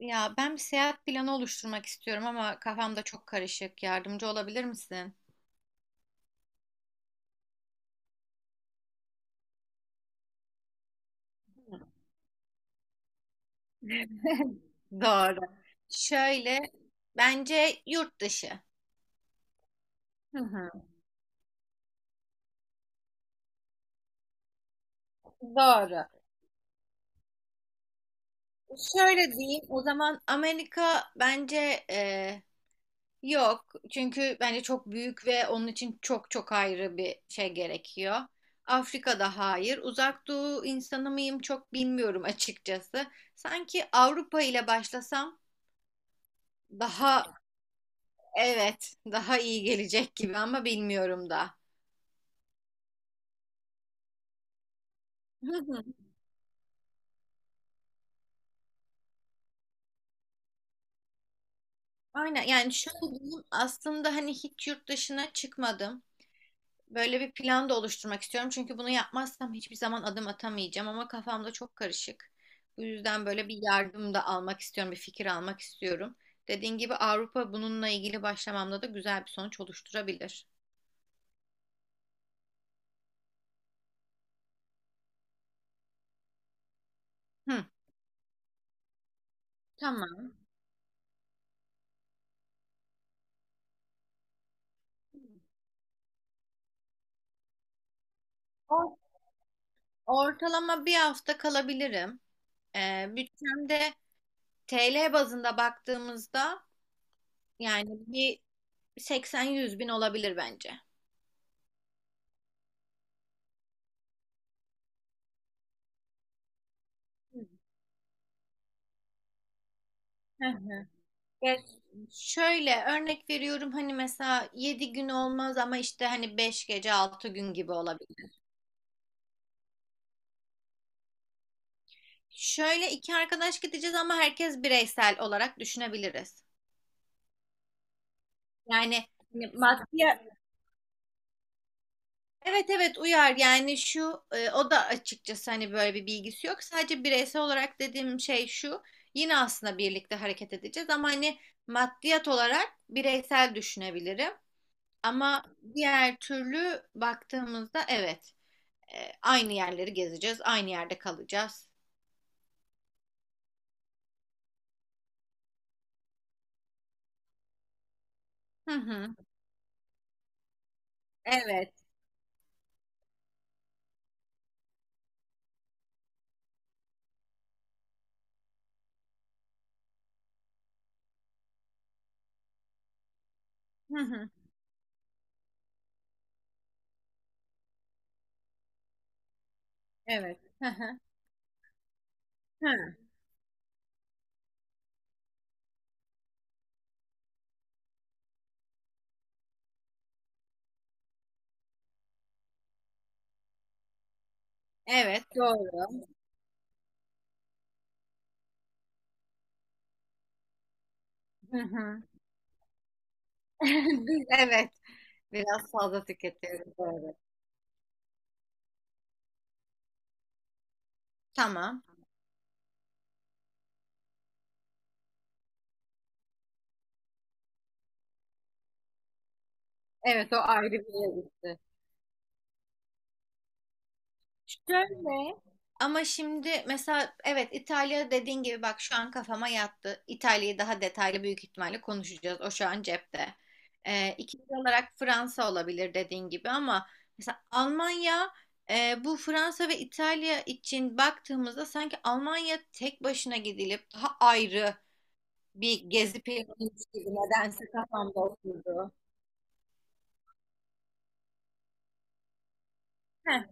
Ya ben bir seyahat planı oluşturmak istiyorum ama kafamda çok karışık. Yardımcı olabilir misin? Doğru. Şöyle bence yurt dışı. Hı hı. Doğru. Şöyle diyeyim o zaman Amerika bence yok. Çünkü bence çok büyük ve onun için çok çok ayrı bir şey gerekiyor. Afrika'da hayır. Uzak Doğu insanı mıyım çok bilmiyorum açıkçası. Sanki Avrupa ile başlasam daha, evet, daha iyi gelecek gibi ama bilmiyorum da. Hı hı. Aynen, yani şöyle diyeyim, aslında hani hiç yurt dışına çıkmadım. Böyle bir plan da oluşturmak istiyorum. Çünkü bunu yapmazsam hiçbir zaman adım atamayacağım ama kafamda çok karışık. Bu yüzden böyle bir yardım da almak istiyorum, bir fikir almak istiyorum. Dediğin gibi Avrupa bununla ilgili başlamamda da güzel bir sonuç oluşturabilir. Hı, tamam. Or- Ortalama bir hafta kalabilirim. Bütçemde TL bazında baktığımızda, yani bir, seksen yüz bin olabilir bence. Hı hı. Ya, şöyle örnek veriyorum, hani mesela 7 gün olmaz ama işte hani 5 gece 6 gün gibi olabilir. Şöyle iki arkadaş gideceğiz ama herkes bireysel olarak düşünebiliriz. Yani, hani maddi, evet evet, uyar yani. Şu o da açıkçası hani böyle bir bilgisi yok. Sadece bireysel olarak dediğim şey şu: yine aslında birlikte hareket edeceğiz ama hani maddiyat olarak bireysel düşünebilirim. Ama diğer türlü baktığımızda, evet, aynı yerleri gezeceğiz, aynı yerde kalacağız. Hı hı. Evet. Hı hı. Evet. Hı hı. Hı. Evet, doğru. Hı hı. Evet. Biraz fazla tüketiyoruz. Doğru. Tamam. Evet, o ayrı bir yere gitti. Şöyle, ama şimdi mesela, evet, İtalya dediğin gibi, bak şu an kafama yattı. İtalya'yı daha detaylı büyük ihtimalle konuşacağız. O şu an cepte. İkinci olarak Fransa olabilir dediğin gibi ama, mesela, Almanya, bu Fransa ve İtalya için baktığımızda sanki Almanya tek başına gidilip daha ayrı bir gezi planıymış gibi nedense kafamda oturdu. Heh,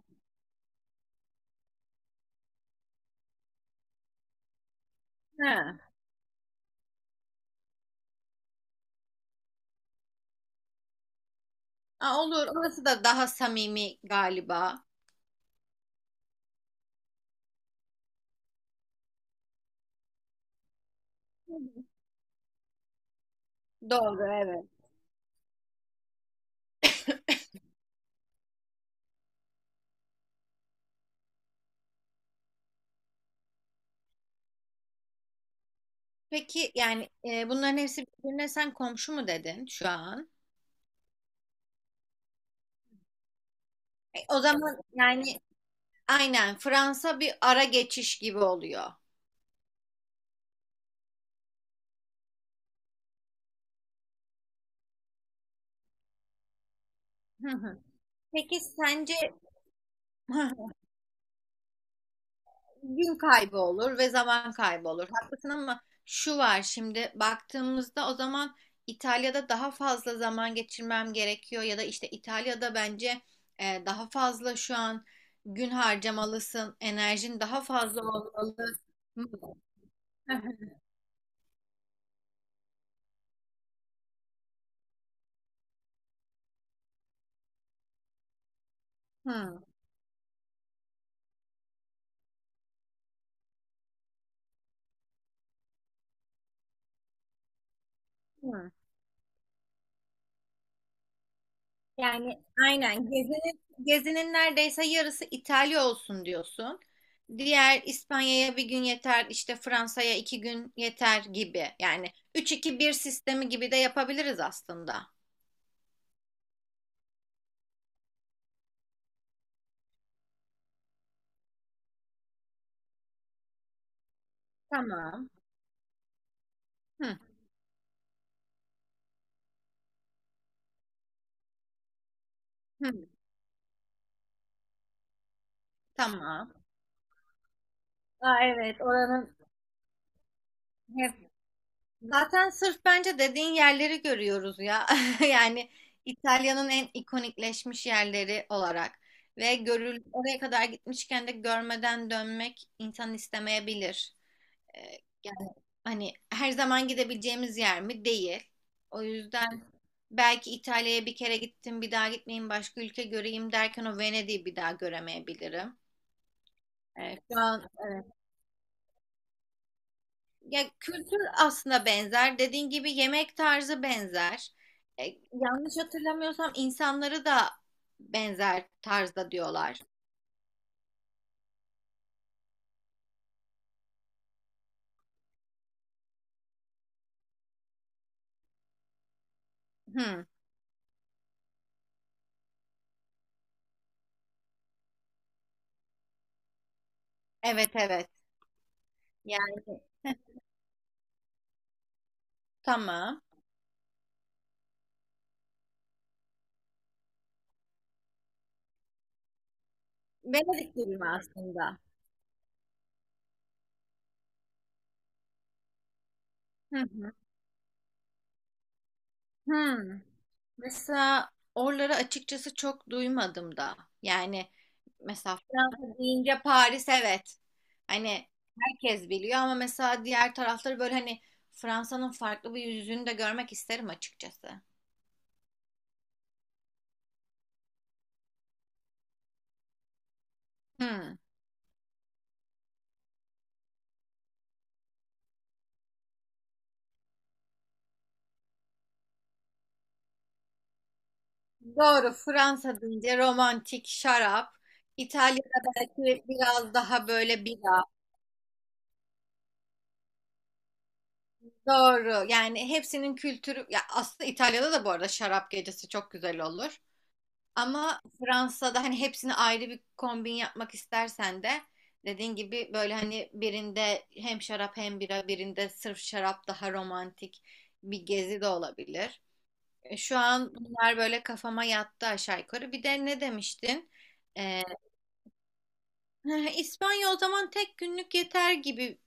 heh. Aa, olur, orası da daha samimi galiba. Doğru, evet. Peki yani, bunların hepsi birbirine sen komşu mu dedin şu an? O zaman yani aynen Fransa bir ara geçiş gibi oluyor. Hı hı. Peki sence gün kaybı olur ve zaman kaybı olur. Haklısın. Ama şu var, şimdi baktığımızda, o zaman İtalya'da daha fazla zaman geçirmem gerekiyor, ya da işte İtalya'da bence daha fazla şu an gün harcamalısın, enerjin daha fazla olmalı. Hı. Hı. Hı. Yani aynen, gezinin neredeyse yarısı İtalya olsun diyorsun. Diğer, İspanya'ya bir gün yeter, işte Fransa'ya 2 gün yeter gibi. Yani üç iki bir sistemi gibi de yapabiliriz aslında. Tamam. Hı, hı, tamam. Aa, evet, oranın hep. Zaten sırf bence dediğin yerleri görüyoruz ya. Yani İtalya'nın en ikonikleşmiş yerleri olarak, ve görül oraya kadar gitmişken de görmeden dönmek insan istemeyebilir. Ee, yani hani her zaman gidebileceğimiz yer mi? Değil. O yüzden belki İtalya'ya bir kere gittim, bir daha gitmeyeyim, başka ülke göreyim derken, o Venedik'i bir daha göremeyebilirim. Şu an, ya kültür aslında benzer. Dediğin gibi yemek tarzı benzer. E, yanlış hatırlamıyorsam, insanları da benzer tarzda diyorlar. Hı, evet evet. Yani, heh, tamam. Venedik gibi aslında? Hı hı. Hı. Mesela oraları açıkçası çok duymadım da. Yani mesela Fransa deyince Paris, evet. Hani herkes biliyor ama mesela diğer tarafları böyle, hani Fransa'nın farklı bir yüzünü de görmek isterim açıkçası. Hmm. Doğru, Fransa deyince romantik şarap. İtalya'da belki biraz daha böyle bira. Doğru. Yani hepsinin kültürü ya, aslında İtalya'da da bu arada şarap gecesi çok güzel olur. Ama Fransa'da hani hepsini ayrı bir kombin yapmak istersen de, dediğin gibi böyle, hani birinde hem şarap hem bira, birinde sırf şarap, daha romantik bir gezi de olabilir. Şu an bunlar böyle kafama yattı aşağı yukarı. Bir de ne demiştin? E, İspanya o zaman tek günlük yeter gibi.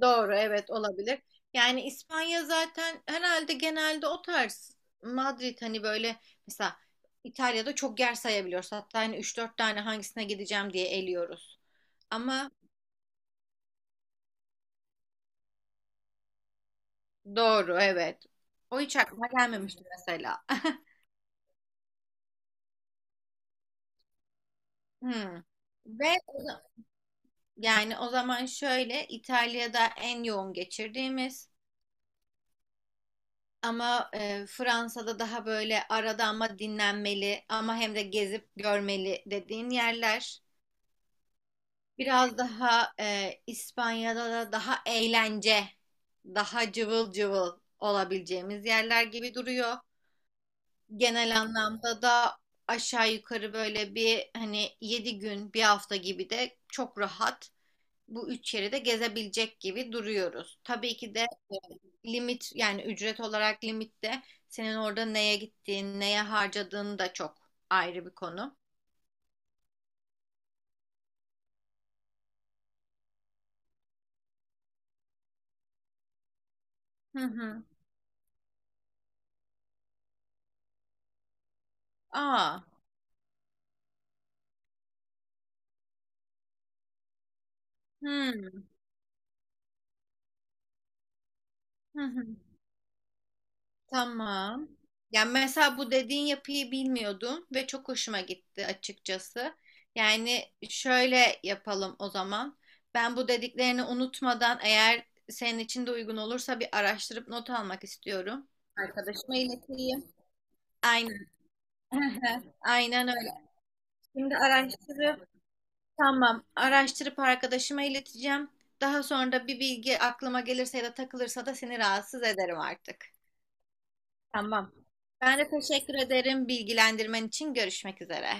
Doğru, evet, olabilir. Yani İspanya zaten herhalde genelde o tarz. Madrid hani böyle, mesela İtalya'da çok yer sayabiliyoruz. Hatta hani üç dört tane hangisine gideceğim diye eliyoruz. Ama doğru, evet. O hiç aklıma gelmemişti mesela. Hmm. Ve o za- yani o zaman şöyle, İtalya'da en yoğun geçirdiğimiz, ama Fransa'da daha böyle, arada ama dinlenmeli, ama hem de gezip görmeli dediğin yerler. Biraz daha İspanya'da da daha eğlence, daha cıvıl cıvıl olabileceğimiz yerler gibi duruyor. Genel anlamda da aşağı yukarı böyle bir, hani 7 gün, bir hafta gibi de çok rahat bu üç yeri de gezebilecek gibi duruyoruz. Tabii ki de limit, yani ücret olarak limitte senin orada neye gittiğin, neye harcadığın da çok ayrı bir konu. Hı hı. Aa. Hı hı. Hı. Tamam. Yani mesela bu dediğin yapıyı bilmiyordum ve çok hoşuma gitti açıkçası. Yani şöyle yapalım o zaman. Ben bu dediklerini unutmadan, eğer senin için de uygun olursa, bir araştırıp not almak istiyorum. Arkadaşıma ileteyim. Aynen. Aynen öyle. Şimdi araştırıp, tamam, araştırıp arkadaşıma ileteceğim. Daha sonra da bir bilgi aklıma gelirse ya da takılırsa da seni rahatsız ederim artık. Tamam. Ben de teşekkür ederim bilgilendirmen için. Görüşmek üzere.